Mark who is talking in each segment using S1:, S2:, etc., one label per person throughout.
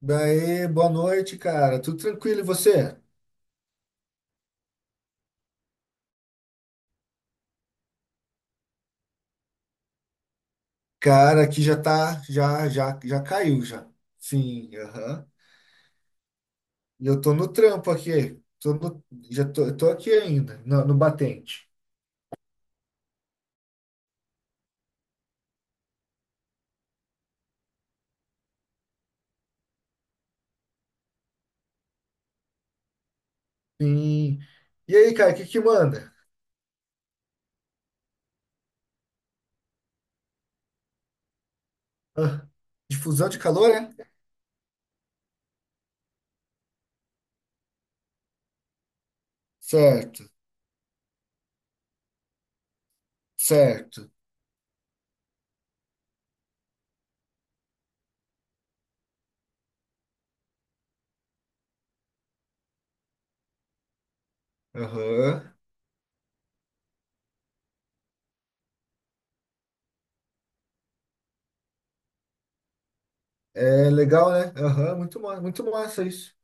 S1: Daí, boa noite, cara. Tudo tranquilo e você? Cara, aqui já tá, já caiu já. Sim, aham. E eu tô no trampo aqui. Tô no, já tô, eu tô aqui ainda, no batente. Sim. E aí, cara, o que que manda? Ah, difusão de calor, é? Certo, certo. Aham. É legal, né? Aham, muito massa isso.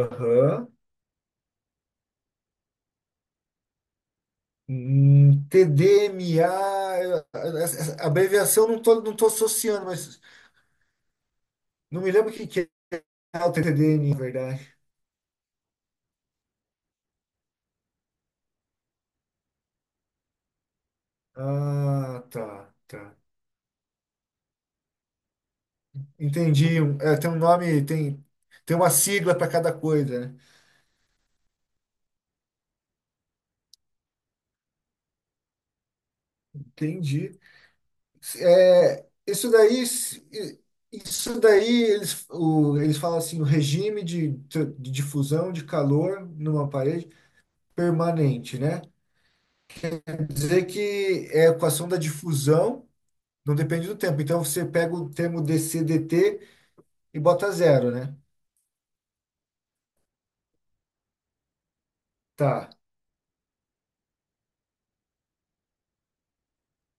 S1: Aham. TDMA, eu- essa abreviação eu não tô associando, mas não me lembro o que que é o TTDN, na verdade. Ah, tá, tá. Entendi. Tem um nome, tem uma sigla para cada coisa, né? Entendi. É, isso daí eles falam assim, o regime de difusão de calor numa parede permanente, né? Quer dizer que é a equação da difusão, não depende do tempo. Então você pega o termo dCdt e bota zero, né? Tá.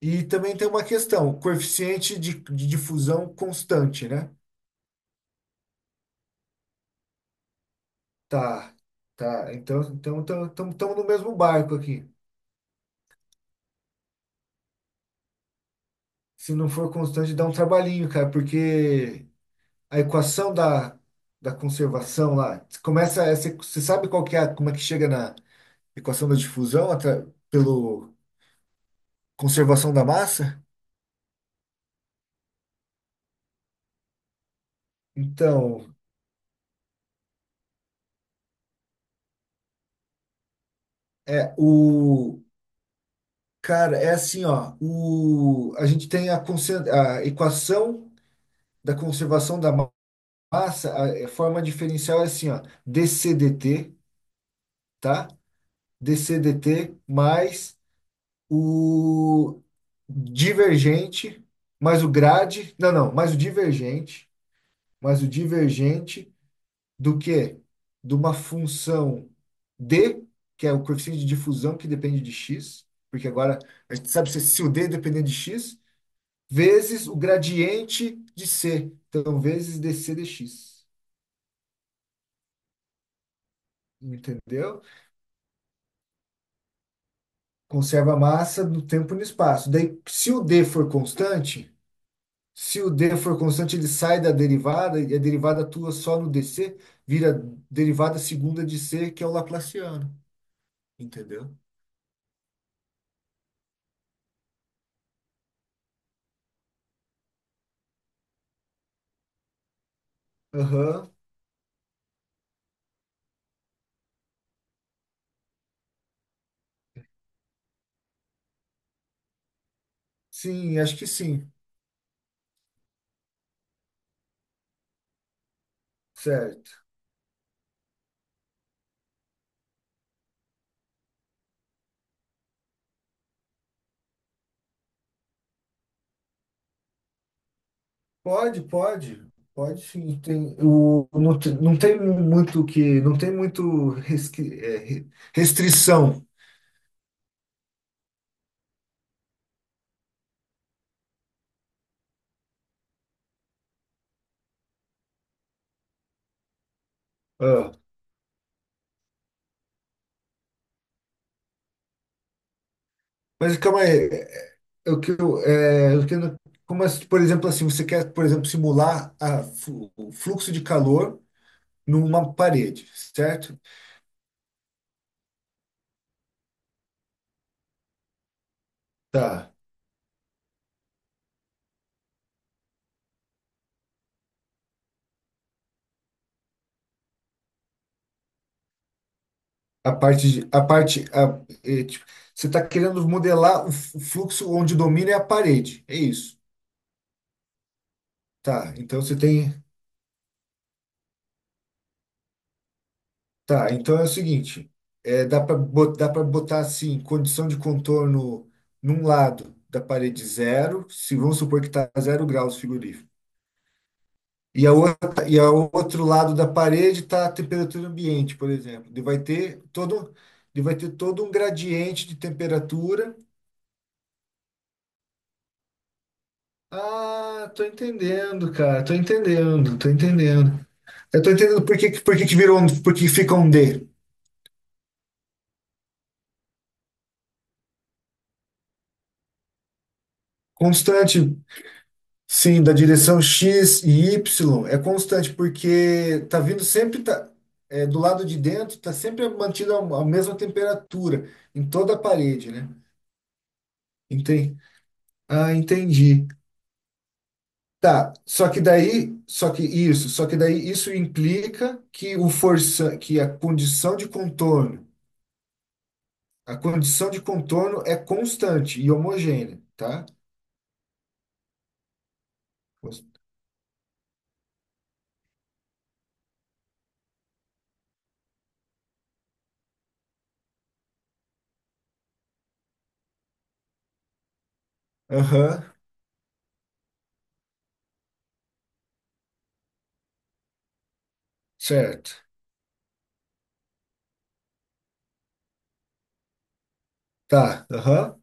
S1: E também tem uma questão, o coeficiente de difusão constante, né? Tá, tá. Então, estamos no mesmo barco aqui. Se não for constante, dá um trabalhinho, cara, porque a equação da conservação lá, começa, essa, você sabe qual que é, como é que chega na equação da difusão pelo conservação da massa? Então, é o cara, é assim, ó, o a gente tem a equação da conservação da massa, a forma diferencial é assim, ó, DCDT, tá? DCDT mais o divergente, mais o grade, não, não, mais o divergente do que? De uma função D, que é o coeficiente de difusão que depende de X, porque agora a gente sabe se o D depender de X, vezes o gradiente de C, então vezes DC dx, entendeu? Conserva a massa no tempo e no espaço. Daí, se o D for constante, se o D for constante, ele sai da derivada e a derivada atua só no DC, vira derivada segunda de C, que é o Laplaciano. Entendeu? Aham. Sim, acho que sim. Certo. Pode, pode. Pode sim. Não tem muito que. Não tem muito restrição. Ah, mas calma aí. O que eu não- como, as- Por exemplo, assim, você quer, por exemplo, simular o fluxo de calor numa parede, certo? Tá. A parte, de- a parte, a- é, Tipo, você está querendo modelar o fluxo onde domina é a parede, é isso. Tá, então você tem, tá, então é o seguinte, é, dá para dá para botar assim, condição de contorno num lado da parede zero, se vamos supor que está zero graus frigorífico. E a outra, e ao outro lado da parede está a temperatura ambiente, por exemplo. E vai ter todo um gradiente de temperatura. Ah, tô entendendo, cara. Tô entendendo, tô entendendo. Eu tô entendendo por que que virou um, por que fica um D. Constante, sim, da direção X e Y é constante porque tá vindo sempre do lado de dentro, tá sempre mantida a mesma temperatura em toda a parede, né? Entendi. Ah, entendi. Tá, só que daí, só que isso, só que daí isso implica que o força, que a condição de contorno, a condição de contorno é constante e homogênea, tá? Cons- Aham, certo. Tá, aham.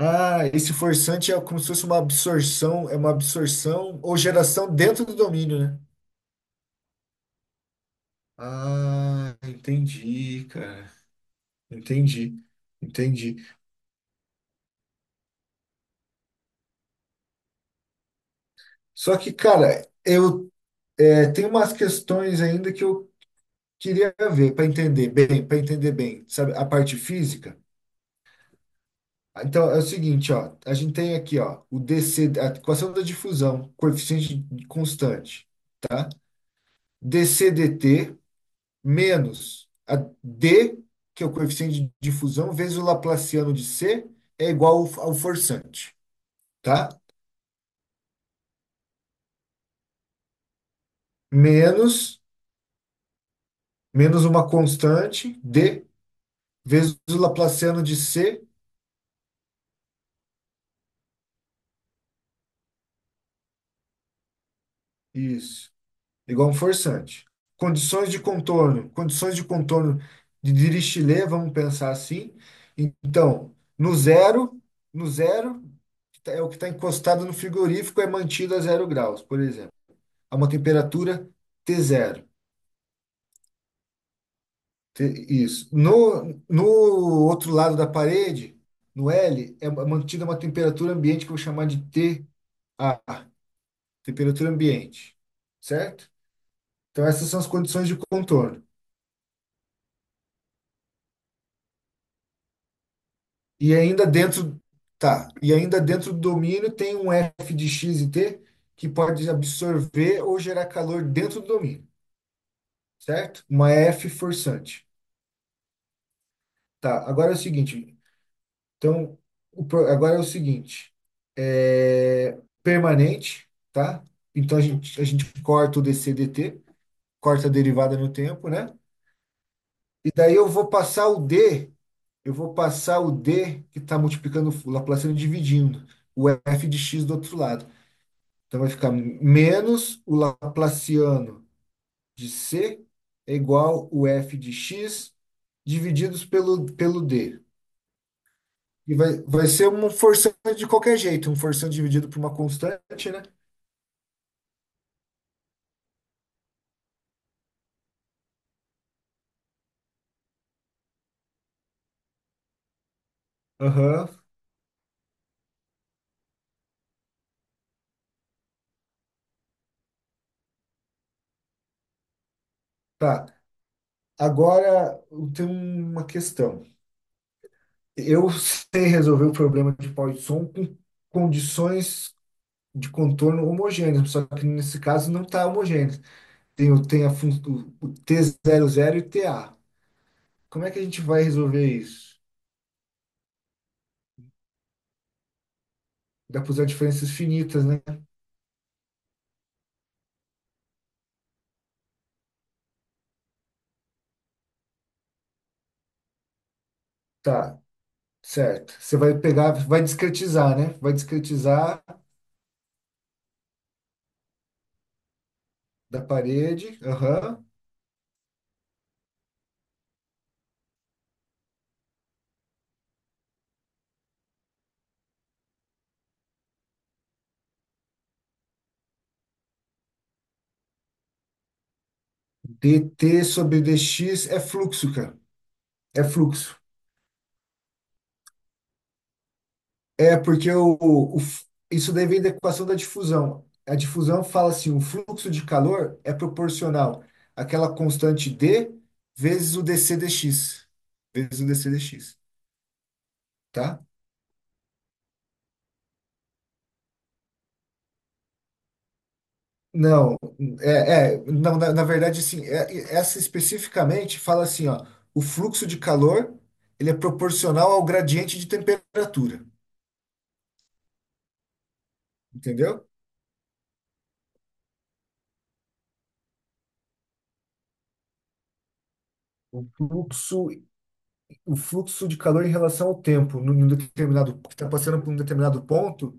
S1: Ah, esse forçante é como se fosse uma absorção, é uma absorção ou geração dentro do domínio, né? Ah, entendi, cara. Entendi, entendi. Só que, cara, tenho umas questões ainda que eu queria ver para entender bem, sabe, a parte física. Então é o seguinte, ó, a gente tem aqui, ó, o DC, a equação da difusão, coeficiente constante, tá? dCdt menos a d, que é o coeficiente de difusão, vezes o laplaciano de c, é igual ao forçante, tá? Menos menos uma constante d vezes o laplaciano de c, isso, igual um forçante. Condições de contorno de Dirichlet, vamos pensar assim. Então, no zero, é o que está encostado no frigorífico, é mantido a zero graus, por exemplo, a uma temperatura t zero. Isso. No outro lado da parede, no L, é mantida uma temperatura ambiente que eu vou chamar de T, a temperatura ambiente, certo? Então, essas são as condições de contorno. E ainda dentro, tá, e ainda dentro do domínio tem um F de x e t que pode absorver ou gerar calor dentro do domínio, certo? Uma F forçante. Tá, agora é o seguinte, então, o pro- agora é o seguinte, é permanente, tá? Então a gente corta o dc dt, corta a derivada no tempo, né? E daí eu vou passar o d que está multiplicando o Laplaciano dividindo o f de x do outro lado. Então vai ficar menos o Laplaciano de C é igual o f de x divididos pelo d. E vai ser uma forçando de qualquer jeito, um forçando dividido por uma constante, né? Aham, tá. Agora eu tenho uma questão. Eu sei resolver o problema de Poisson com condições de contorno homogêneas, só que nesse caso não está homogêneo. Tem o t zero zero e t a. Como é que a gente vai resolver isso? Dá para usar diferenças finitas, né? Tá, certo. Você vai pegar, vai discretizar, né? Vai discretizar da parede. Aham. DT sobre DX é fluxo, cara. É fluxo. É porque o- isso daí vem da equação da difusão. A difusão fala assim, o fluxo de calor é proporcional àquela constante D vezes o dC dx, vezes o dC dx, tá? Não, não, na verdade, sim, essa especificamente fala assim, ó, o fluxo de calor, ele é proporcional ao gradiente de temperatura, entendeu? O fluxo, o fluxo de calor em relação ao tempo, num determinado, está passando por um determinado ponto,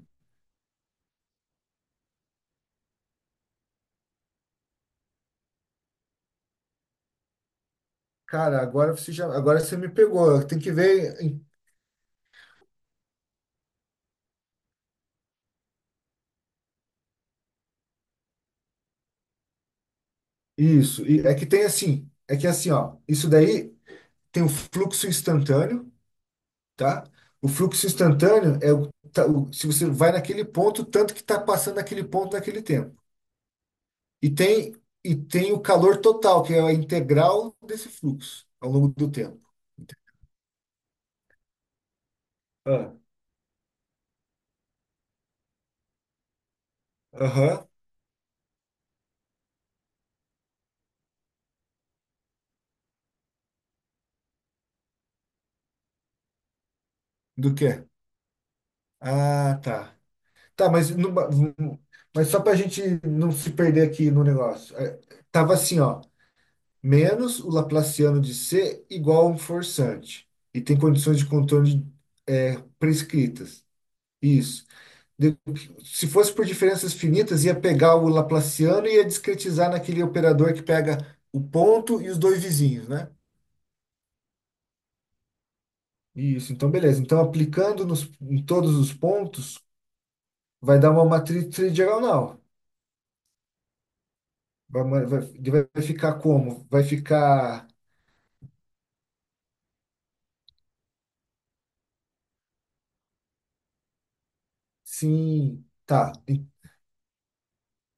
S1: cara, agora você me pegou, tem que ver isso, e é que assim, ó, isso daí tem o fluxo instantâneo, tá? O fluxo instantâneo é se você vai naquele ponto, tanto que está passando naquele ponto naquele tempo. E tem, e tem o calor total, que é a integral desse fluxo ao longo do tempo. Ah, aham. Do quê? Ah, tá. Tá, mas, mas só para a gente não se perder aqui no negócio. Tava assim, ó. Menos o Laplaciano de C igual a um forçante. E tem condições de contorno prescritas. Isso. De- Se fosse por diferenças finitas, ia pegar o Laplaciano e ia discretizar naquele operador que pega o ponto e os dois vizinhos, né? Isso, então beleza. Então, aplicando nos, em todos os pontos, vai dar uma matriz tridiagonal. Vai, ma- vai, vai ficar como? Vai ficar sim, tá,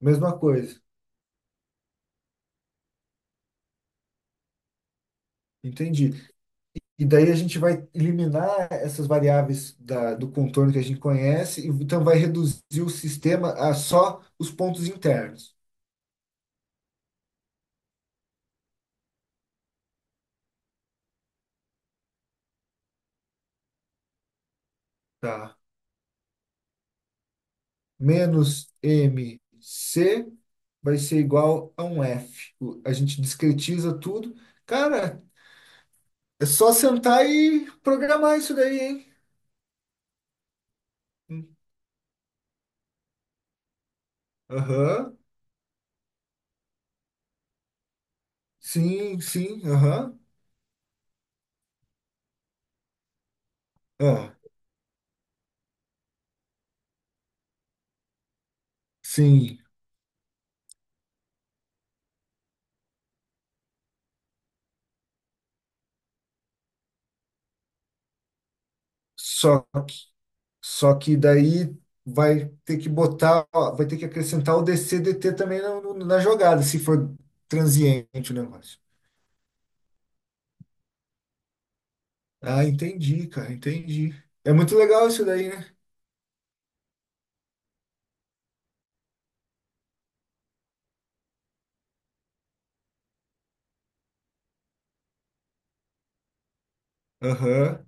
S1: mesma coisa. Entendi. E daí a gente vai eliminar essas variáveis da, do contorno que a gente conhece, e então vai reduzir o sistema a só os pontos internos. Tá? Menos m c vai ser igual a um F. A gente discretiza tudo. Cara, é só sentar e programar isso daí, hein? Hum, Aham. Sim, sim, aham. Ah, sim. Só. Só que daí vai ter que acrescentar o DC/DT também na jogada, se for transiente o negócio. Ah, entendi, cara, entendi. É muito legal isso daí, né? Aham,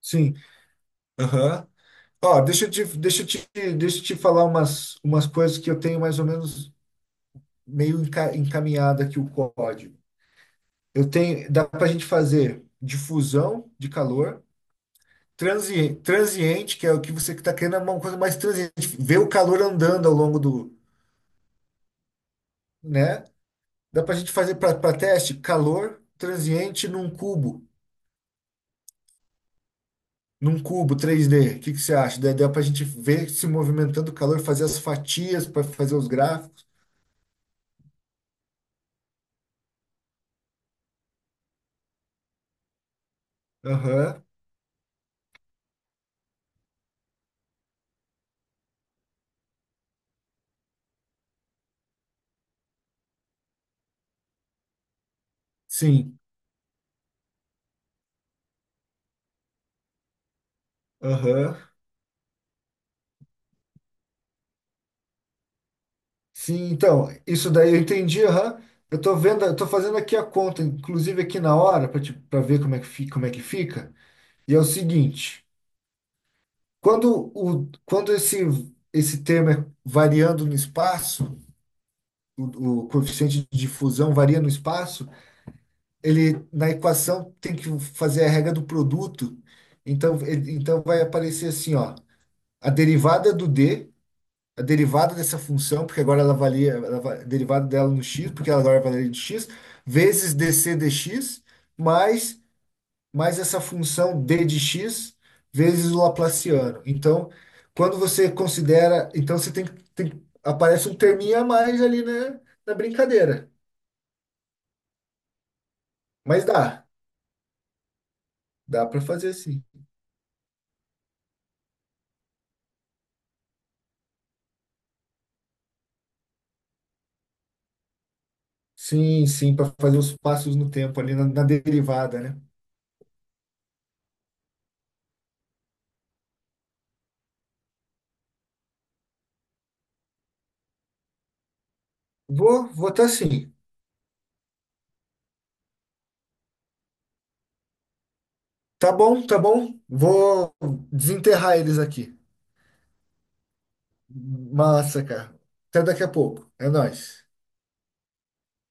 S1: sim, aham. Ó, deixa eu te falar umas coisas que eu tenho mais ou menos meio encaminhado aqui o código. Eu tenho, dá para a gente fazer difusão de calor, transiente, que é o que você está querendo, é uma coisa mais transiente. Ver o calor andando ao longo do, né? Dá para a gente fazer para teste calor transiente num cubo três d. O que, que você acha? Dá para a gente ver se movimentando o calor, fazer as fatias para fazer os gráficos. Aham, sim. Aham. Sim, então, isso daí eu entendi, aham. Eu tô vendo, eu tô fazendo aqui a conta, inclusive aqui na hora, para ver como é que fica, como é que fica. E é o seguinte. Quando esse termo é variando no espaço, o coeficiente de difusão varia no espaço, ele na equação tem que fazer a regra do produto. Então, então vai aparecer assim, ó, a derivada do d, a derivada dessa função, porque agora ela valia, ela va- a derivada dela no x, porque ela agora valia de x, vezes dc dx, mais mais essa função d de x vezes o Laplaciano. Então, quando você considera, então você tem, aparece um terminho a mais ali na brincadeira. Mas dá para fazer sim. Sim, sim, para fazer os passos no tempo ali na derivada, né? Vou, vou tá sim. Tá bom, tá bom. Vou desenterrar eles aqui. Massa, cara. Até daqui a pouco. É nóis.